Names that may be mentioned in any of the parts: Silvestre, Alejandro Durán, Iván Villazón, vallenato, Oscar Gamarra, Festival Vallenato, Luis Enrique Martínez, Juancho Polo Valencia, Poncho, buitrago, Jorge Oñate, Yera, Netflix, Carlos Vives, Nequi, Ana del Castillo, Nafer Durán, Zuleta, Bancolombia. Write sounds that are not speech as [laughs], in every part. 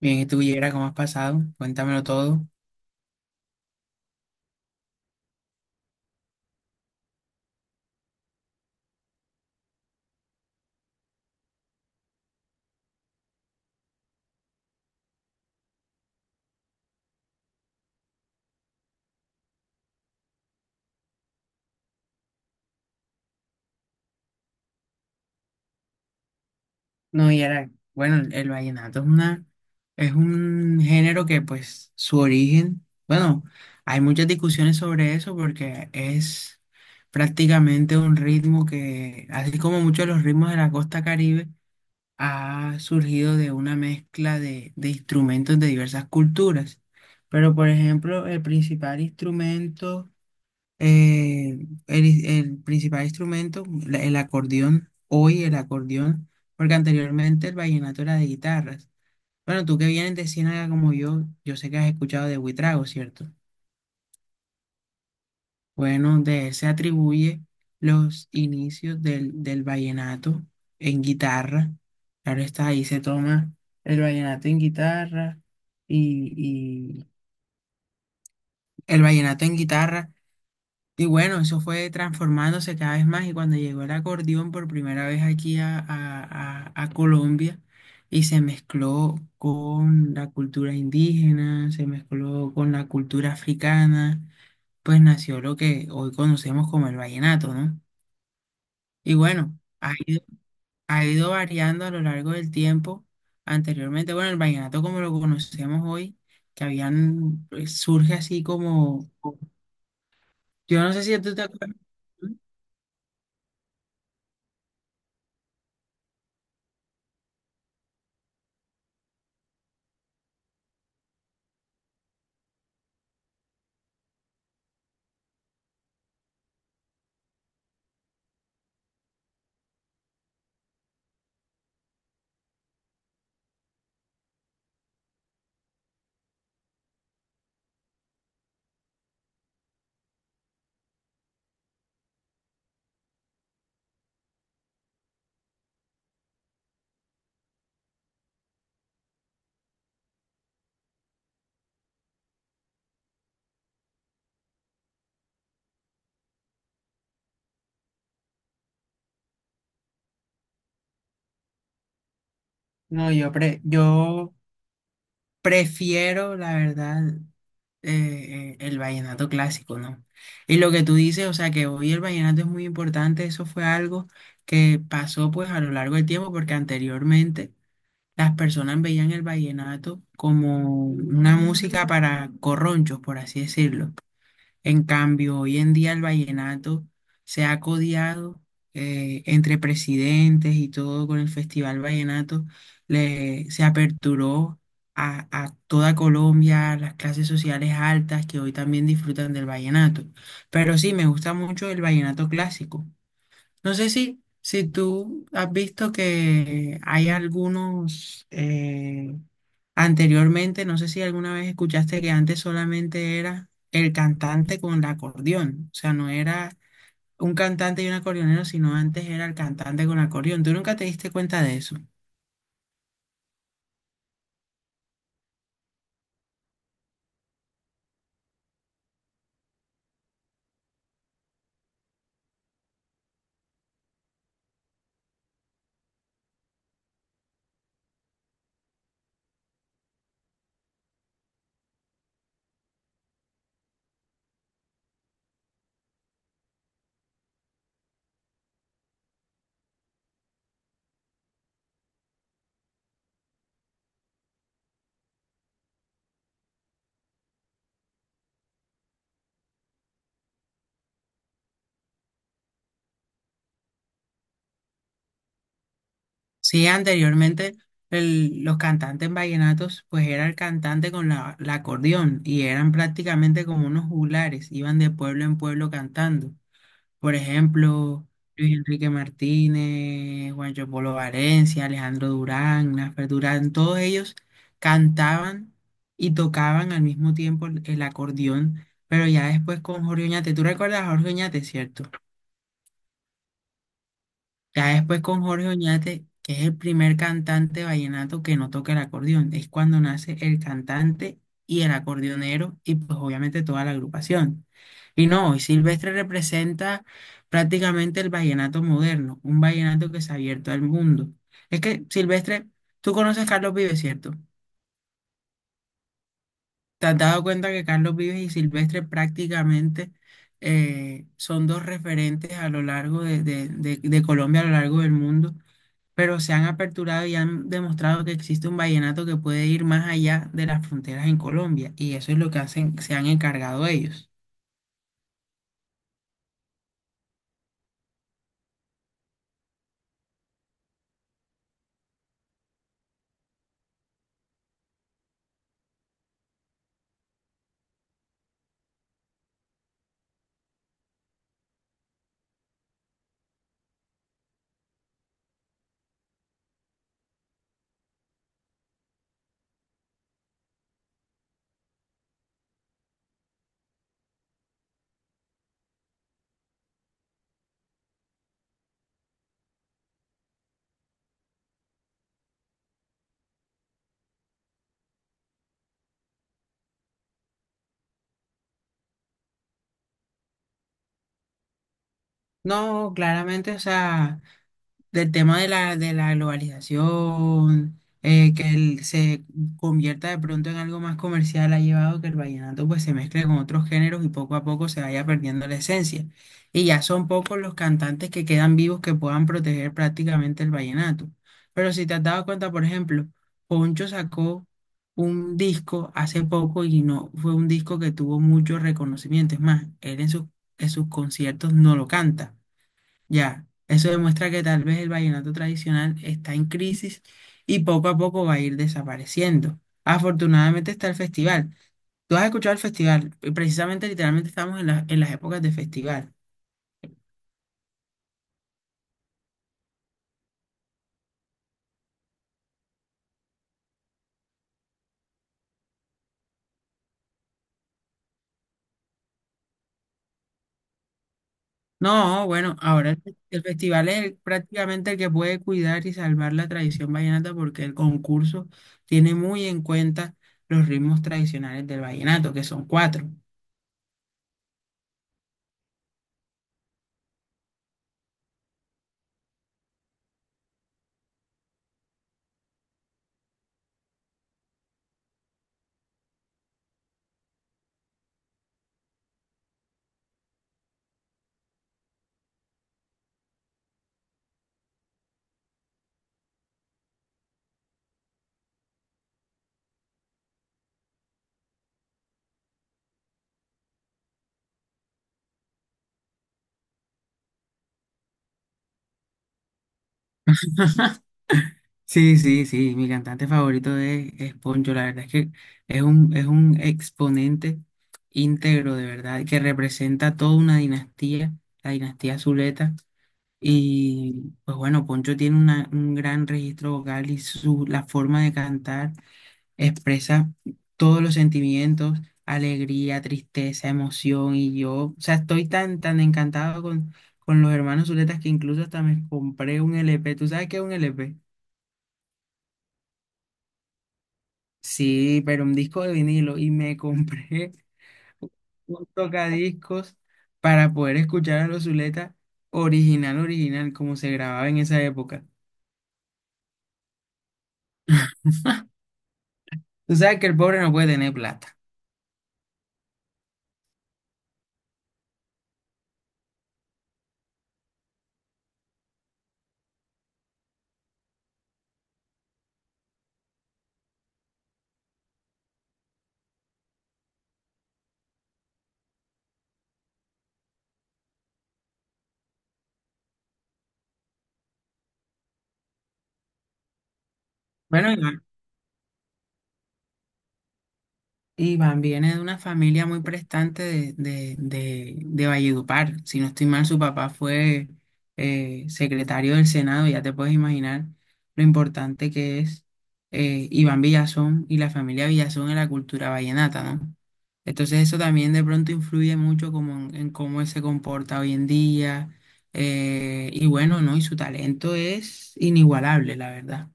Bien, ¿y tú, Yera, cómo has pasado? Cuéntamelo todo. No, Yera, bueno, el vallenato es una, es un género que, pues, su origen, bueno, hay muchas discusiones sobre eso porque es prácticamente un ritmo que, así como muchos de los ritmos de la costa Caribe, ha surgido de una mezcla de instrumentos de diversas culturas. Pero, por ejemplo, el principal instrumento Eh, el principal instrumento, el acordeón, hoy el acordeón, porque anteriormente el vallenato era de guitarras. Bueno, tú que vienes de Ciénaga como yo sé que has escuchado de Buitrago, ¿cierto? Bueno, de él se atribuye los inicios del vallenato en guitarra. Claro está, ahí se toma el vallenato en guitarra y, y el vallenato en guitarra. Y bueno, eso fue transformándose cada vez más y cuando llegó el acordeón por primera vez aquí a, a Colombia y se mezcló con la cultura indígena, se mezcló con la cultura africana, pues nació lo que hoy conocemos como el vallenato, ¿no? Y bueno, ha ido variando a lo largo del tiempo. Anteriormente, bueno, el vallenato como lo conocemos hoy, que habían, pues, surge así como, yo no sé si tú te acuerdas. No, yo prefiero, la verdad, el vallenato clásico, ¿no? Y lo que tú dices, o sea, que hoy el vallenato es muy importante, eso fue algo que pasó pues a lo largo del tiempo, porque anteriormente las personas veían el vallenato como una música para corronchos, por así decirlo. En cambio, hoy en día el vallenato se ha codiado entre presidentes y todo con el Festival Vallenato. Se aperturó a toda Colombia, a las clases sociales altas que hoy también disfrutan del vallenato. Pero sí, me gusta mucho el vallenato clásico. No sé si tú has visto que hay algunos anteriormente, no sé si alguna vez escuchaste que antes solamente era el cantante con el acordeón, o sea, no era un cantante y un acordeonero, sino antes era el cantante con el acordeón. ¿Tú nunca te diste cuenta de eso? Sí, anteriormente los cantantes vallenatos, pues era el cantante con la, la acordeón y eran prácticamente como unos juglares, iban de pueblo en pueblo cantando. Por ejemplo, Luis Enrique Martínez, Juancho Polo Valencia, Alejandro Durán, Nafer Durán, todos ellos cantaban y tocaban al mismo tiempo el acordeón, pero ya después con Jorge Oñate. ¿Tú recuerdas a Jorge Oñate, cierto? Ya después con Jorge Oñate, que es el primer cantante vallenato que no toca el acordeón, es cuando nace el cantante y el acordeonero y pues obviamente toda la agrupación. Y no, y Silvestre representa prácticamente el vallenato moderno, un vallenato que se ha abierto al mundo. Es que Silvestre, tú conoces a Carlos Vives, ¿cierto? ¿Te has dado cuenta que Carlos Vives y Silvestre prácticamente son dos referentes a lo largo de de Colombia, a lo largo del mundo? Pero se han aperturado y han demostrado que existe un vallenato que puede ir más allá de las fronteras en Colombia, y eso es lo que hacen, se han encargado ellos. No, claramente, o sea, del tema de la globalización, que él se convierta de pronto en algo más comercial, ha llevado a que el vallenato pues se mezcle con otros géneros y poco a poco se vaya perdiendo la esencia. Y ya son pocos los cantantes que quedan vivos que puedan proteger prácticamente el vallenato. Pero si te has dado cuenta, por ejemplo, Poncho sacó un disco hace poco y no fue un disco que tuvo mucho reconocimiento. Es más, él en sus conciertos no lo canta. Ya, eso demuestra que tal vez el vallenato tradicional está en crisis y poco a poco va a ir desapareciendo. Afortunadamente está el festival. Tú has escuchado el festival, y precisamente literalmente estamos en, en las épocas de festival. No, bueno, ahora el, el festival es prácticamente el que puede cuidar y salvar la tradición vallenata porque el concurso tiene muy en cuenta los ritmos tradicionales del vallenato, que son cuatro. Sí, sí, sí, mi cantante favorito es Poncho, la verdad es que es un exponente íntegro de verdad, que representa toda una dinastía, la dinastía Zuleta, y pues bueno, Poncho tiene un gran registro vocal y su, la forma de cantar expresa todos los sentimientos, alegría, tristeza, emoción, y yo, o sea, estoy tan, tan encantado con los hermanos Zuletas que incluso hasta me compré un LP, ¿tú sabes qué es un LP? Sí, pero un disco de vinilo y me compré [laughs] un tocadiscos para poder escuchar a los Zuleta original, original, como se grababa en esa época. Tú sabes que el pobre no puede tener plata. Bueno, Iván viene de una familia muy prestante de Valledupar. Si no estoy mal, su papá fue secretario del Senado. Ya te puedes imaginar lo importante que es Iván Villazón y la familia Villazón en la cultura vallenata, ¿no? Entonces eso también de pronto influye mucho como en cómo él se comporta hoy en día. Y bueno, ¿no? Y su talento es inigualable, la verdad.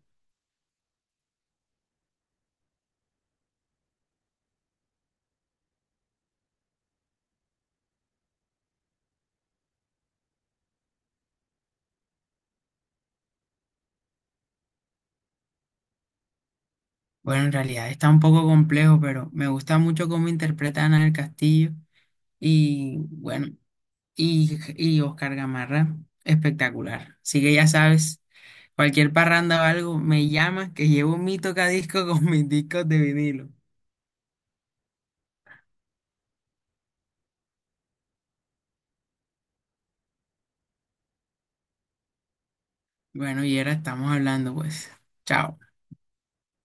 Bueno, en realidad está un poco complejo, pero me gusta mucho cómo interpreta Ana del Castillo y bueno, y Oscar Gamarra, espectacular. Así que ya sabes, cualquier parranda o algo, me llamas que llevo mi tocadisco [laughs] con mis discos de vinilo. Bueno, y ahora estamos hablando, pues. Chao.